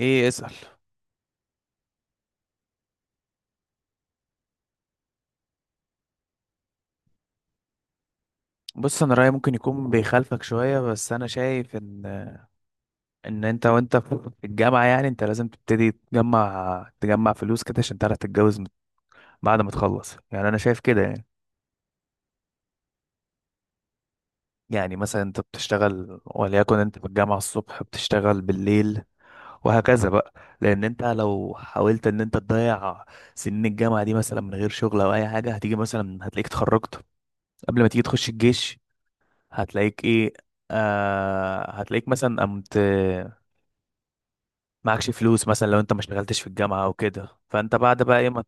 ايه؟ اسأل. بص، انا رأيي ممكن يكون بيخالفك شوية، بس انا شايف ان انت وانت في الجامعة يعني انت لازم تبتدي تجمع فلوس كده عشان تعرف تتجوز بعد ما تخلص. يعني انا شايف كده يعني. يعني مثلا انت بتشتغل، وليكن انت في الجامعة الصبح بتشتغل بالليل، وهكذا بقى. لان انت لو حاولت ان انت تضيع سنين الجامعة دي مثلا من غير شغل او اي حاجة، هتيجي مثلا هتلاقيك اتخرجت قبل ما تيجي تخش الجيش، هتلاقيك ايه، آه هتلاقيك مثلا قمت معكش فلوس. مثلا لو انت ما اشتغلتش في الجامعة او كده، فانت بعد بقى ايه ما.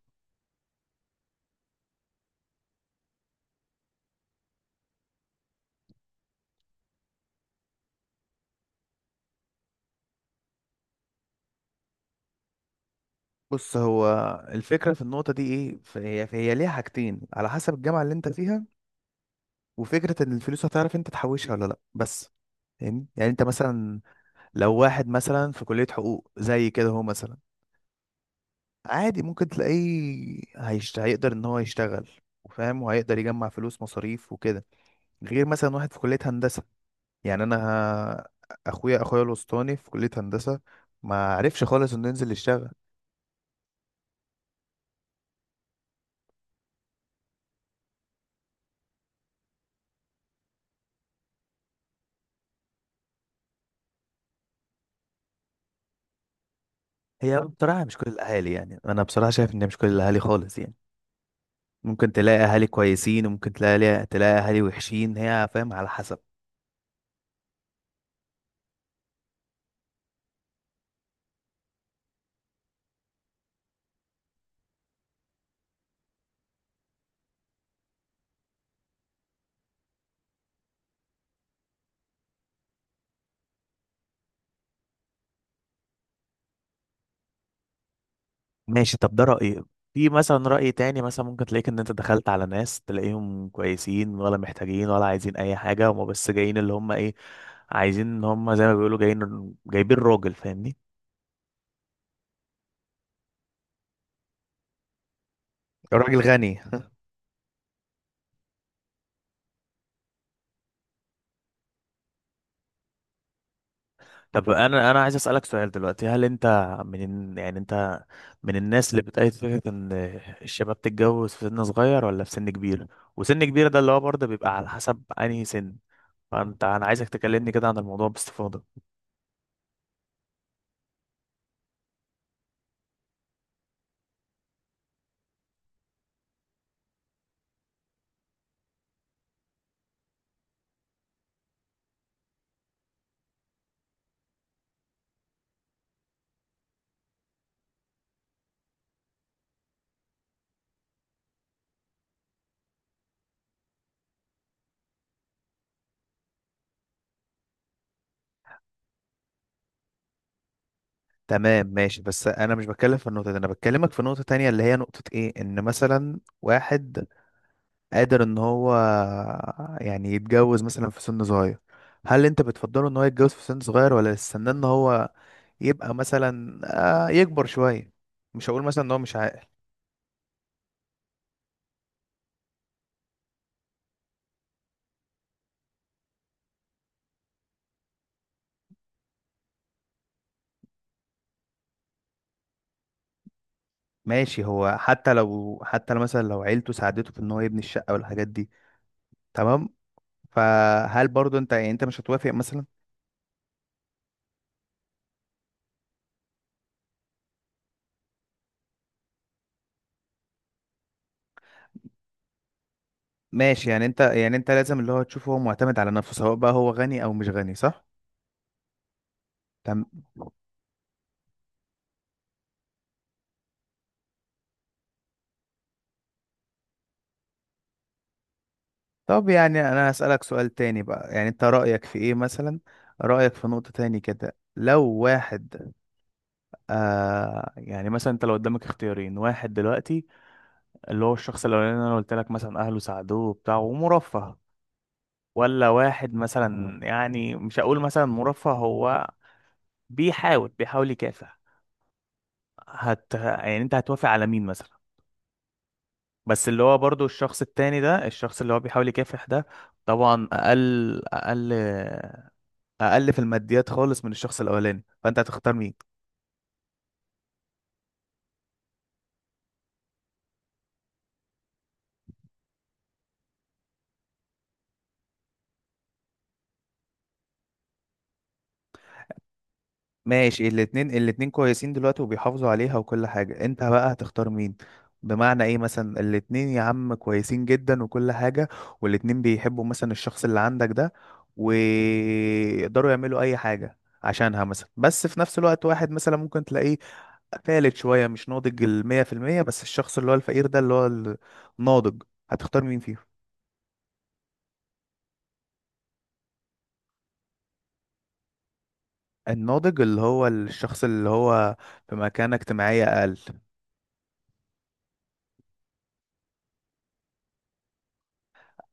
بص، هو الفكرة في النقطة دي ايه، فهي ليها حاجتين على حسب الجامعة اللي انت فيها، وفكرة ان الفلوس هتعرف انت تحوشها ولا لا، بس فاهمني. يعني انت مثلا لو واحد مثلا في كلية حقوق زي كده، هو مثلا عادي ممكن تلاقيه هيقدر ان هو يشتغل وفاهم، وهيقدر يجمع فلوس مصاريف وكده. غير مثلا واحد في كلية هندسة، يعني انا اخويا الوسطاني في كلية هندسة ما عرفش خالص انه ينزل يشتغل. هي بصراحة مش كل الأهالي، يعني أنا بصراحة شايف إن مش كل الأهالي خالص يعني. ممكن تلاقي أهالي كويسين، وممكن تلاقي أهالي وحشين، هي فاهم على حسب. ماشي، طب ده رأيي. في مثلا رأي تاني، مثلا ممكن تلاقيك إن أنت دخلت على ناس تلاقيهم كويسين، ولا محتاجين، ولا عايزين أي حاجة، هما بس جايين اللي هما إيه، عايزين إن هما زي ما بيقولوا جايين جايبين راجل، فاهمني. راجل غني. طب انا عايز اسالك سؤال دلوقتي، هل انت يعني انت من الناس اللي بتأيد فكره ان الشباب تتجوز في سن صغير ولا في سن كبير؟ وسن كبير ده اللي هو برضه بيبقى على حسب انهي سن. فانت، انا عايزك تكلمني كده عن الموضوع باستفاضه. تمام، ماشي، بس انا مش بتكلم في النقطه دي، انا بكلمك في نقطه تانية، اللي هي نقطه ايه، ان مثلا واحد قادر ان هو يعني يتجوز مثلا في سن صغير، هل انت بتفضله ان هو يتجوز في سن صغير، ولا استنى ان هو يبقى مثلا آه، يكبر شوية؟ مش هقول مثلا ان هو مش عاقل. ماشي، هو حتى لو، حتى لو مثلا لو عيلته ساعدته في ان هو يبني الشقة والحاجات دي، تمام، فهل برضو انت يعني انت مش هتوافق مثلا؟ ماشي، يعني انت، يعني انت لازم اللي هو تشوفه هو معتمد على نفسه، سواء بقى هو غني او مش غني، صح؟ تم. طب يعني انا هسألك سؤال تاني بقى، يعني انت رأيك في ايه مثلا، رأيك في نقطة تاني كده، لو واحد آه يعني مثلا انت لو قدامك اختيارين، واحد دلوقتي اللي هو الشخص الاولاني اللي انا قلت لك مثلا اهله ساعدوه وبتاع ومرفه، ولا واحد مثلا يعني مش هقول مثلا مرفه، هو بيحاول يكافح، هت يعني انت هتوافق على مين مثلا؟ بس اللي هو برضو الشخص التاني ده، الشخص اللي هو بيحاول يكافح ده، طبعا اقل، اقل، اقل في الماديات خالص من الشخص الاولاني، فانت هتختار مين؟ ماشي، الاتنين، الاتنين كويسين دلوقتي وبيحافظوا عليها وكل حاجة، انت بقى هتختار مين؟ بمعنى ايه مثلا، الاتنين يا عم كويسين جدا وكل حاجة، والاتنين بيحبوا مثلا الشخص اللي عندك ده ويقدروا يعملوا اي حاجة عشانها مثلا، بس في نفس الوقت واحد مثلا ممكن تلاقيه فالت شوية مش ناضج المية في المية، بس الشخص اللي هو الفقير ده اللي هو الناضج، هتختار مين فيهم؟ الناضج اللي هو الشخص اللي هو في مكانة اجتماعية أقل؟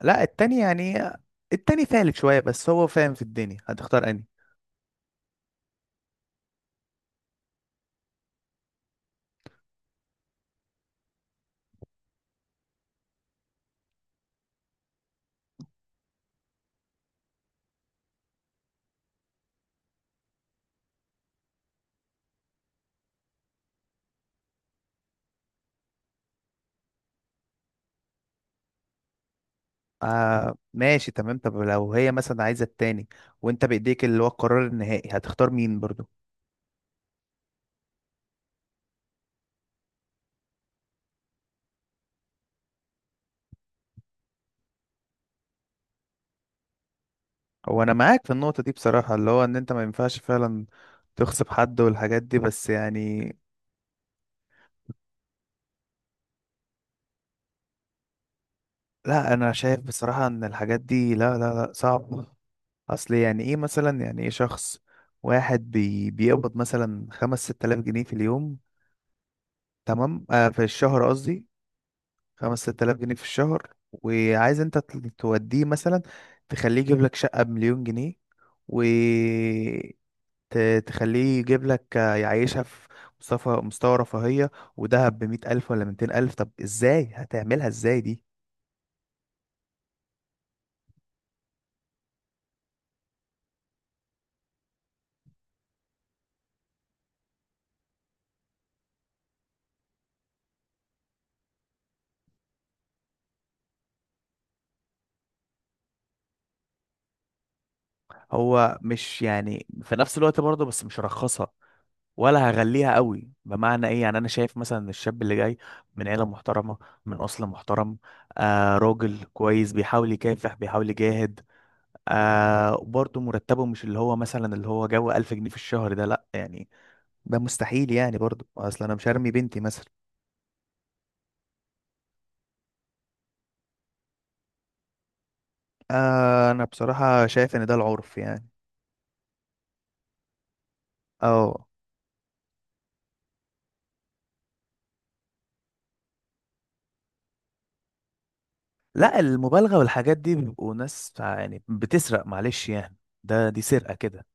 لا، التاني يعني التاني فالك شوية بس هو فاهم في الدنيا، هتختار انهي؟ آه ماشي تمام، طب لو هي مثلا عايزة التاني، وانت بإيديك اللي هو القرار النهائي، هتختار مين برضو؟ هو انا معاك في النقطة دي بصراحة، اللي هو ان انت ما ينفعش فعلا تغصب حد والحاجات دي، بس يعني. لا، انا شايف بصراحة ان الحاجات دي، لا لا لا، صعب. اصل يعني ايه مثلا، يعني ايه شخص واحد بي بيقبض مثلا خمس ست آلاف جنيه في اليوم، تمام آه في الشهر قصدي، خمس ست آلاف جنيه في الشهر، وعايز انت توديه مثلا تخليه يجيب لك شقة بمليون جنيه، وتخليه يجيب لك يعيشها في مستوى رفاهية، ودهب بـ100 ألف ولا 200 ألف؟ طب ازاي هتعملها ازاي دي؟ هو مش يعني في نفس الوقت برضه، بس مش هرخصها ولا هغليها قوي. بمعنى ايه، يعني انا شايف مثلا إن الشاب اللي جاي من عيلة محترمة، من أصل محترم، آه راجل كويس بيحاول يكافح بيحاول يجاهد، آه برضه مرتبه مش اللي هو مثلا اللي هو جو 1000 جنيه في الشهر ده، لا يعني ده مستحيل يعني برضه، اصل انا مش هرمي بنتي مثلا. آه انا بصراحة شايف ان ده العرف يعني. اه. لا، المبالغة والحاجات دي بيبقوا ناس يعني بتسرق، معلش يعني، ده دي سرقة كده.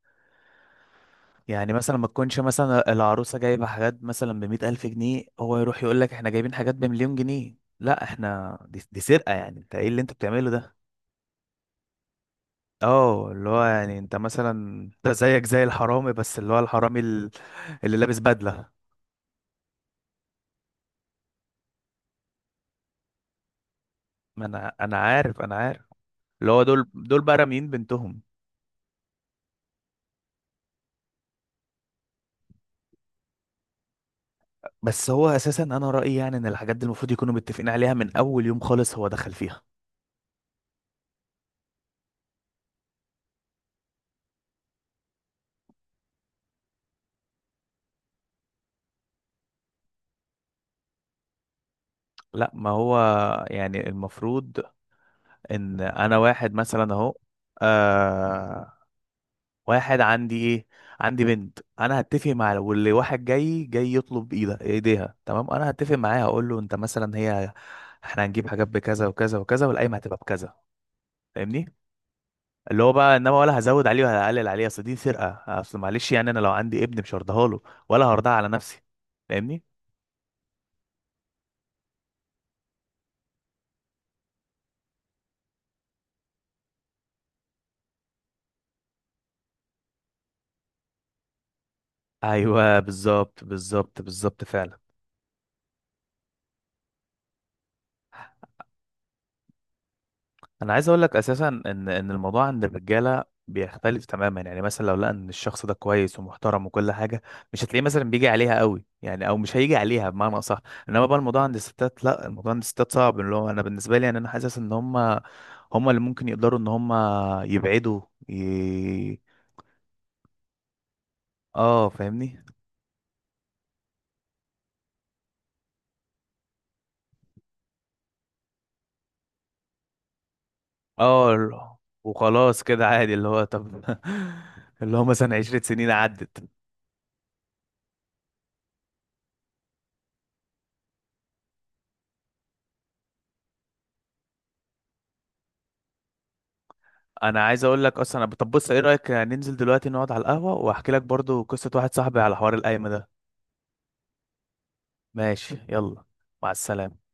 يعني مثلا ما تكونش مثلا العروسة جايبة حاجات مثلا بـ100 ألف جنيه، هو يروح يقول لك احنا جايبين حاجات بمليون جنيه. لا، احنا دي سرقة يعني. انت ايه اللي انت بتعمله ده؟ اه اللي هو يعني انت مثلا انت زيك زي الحرامي، بس اللي هو الحرامي اللي لابس بدلة. ما انا عارف، انا عارف، اللي هو دول بقى راميين بنتهم. بس هو اساسا انا رأيي يعني ان الحاجات دي المفروض يكونوا متفقين عليها من اول يوم خالص هو دخل فيها. لا ما هو، يعني المفروض ان انا واحد مثلا اهو، آه، واحد عندي ايه، عندي بنت، انا هتفق مع، واللي واحد جاي يطلب ايدها ايديها، تمام انا هتفق معاه، هقول له انت مثلا هي، احنا هنجيب حاجات بكذا وكذا وكذا، والقايمه هتبقى بكذا، فاهمني. اللي هو بقى انما ولا هزود عليه ولا هقلل عليه، اصل دي سرقه، اصل معلش يعني انا لو عندي ابن مش هرضاها له، ولا هرضاها على نفسي، فاهمني. ايوه بالظبط بالظبط بالظبط فعلا. انا عايز اقول لك اساسا ان ان الموضوع عند الرجاله بيختلف تماما، يعني مثلا لو لقى ان الشخص ده كويس ومحترم وكل حاجه، مش هتلاقيه مثلا بيجي عليها قوي يعني، او مش هيجي عليها بمعنى اصح. انما بقى الموضوع عند الستات، لا، الموضوع عند الستات صعب، اللي هو انا بالنسبه لي يعني انا حاسس ان هم اللي ممكن يقدروا ان هم يبعدوا ي... اه فاهمني. اه وخلاص كده عادي اللي هو طب، اللي هو مثلا 10 سنين عدت. انا عايز اقول لك اصلا طب بص، ايه رايك ننزل دلوقتي نقعد على القهوه واحكي لك برضو قصه واحد صاحبي على حوار القايمه ده؟ ماشي، يلا، مع السلامه.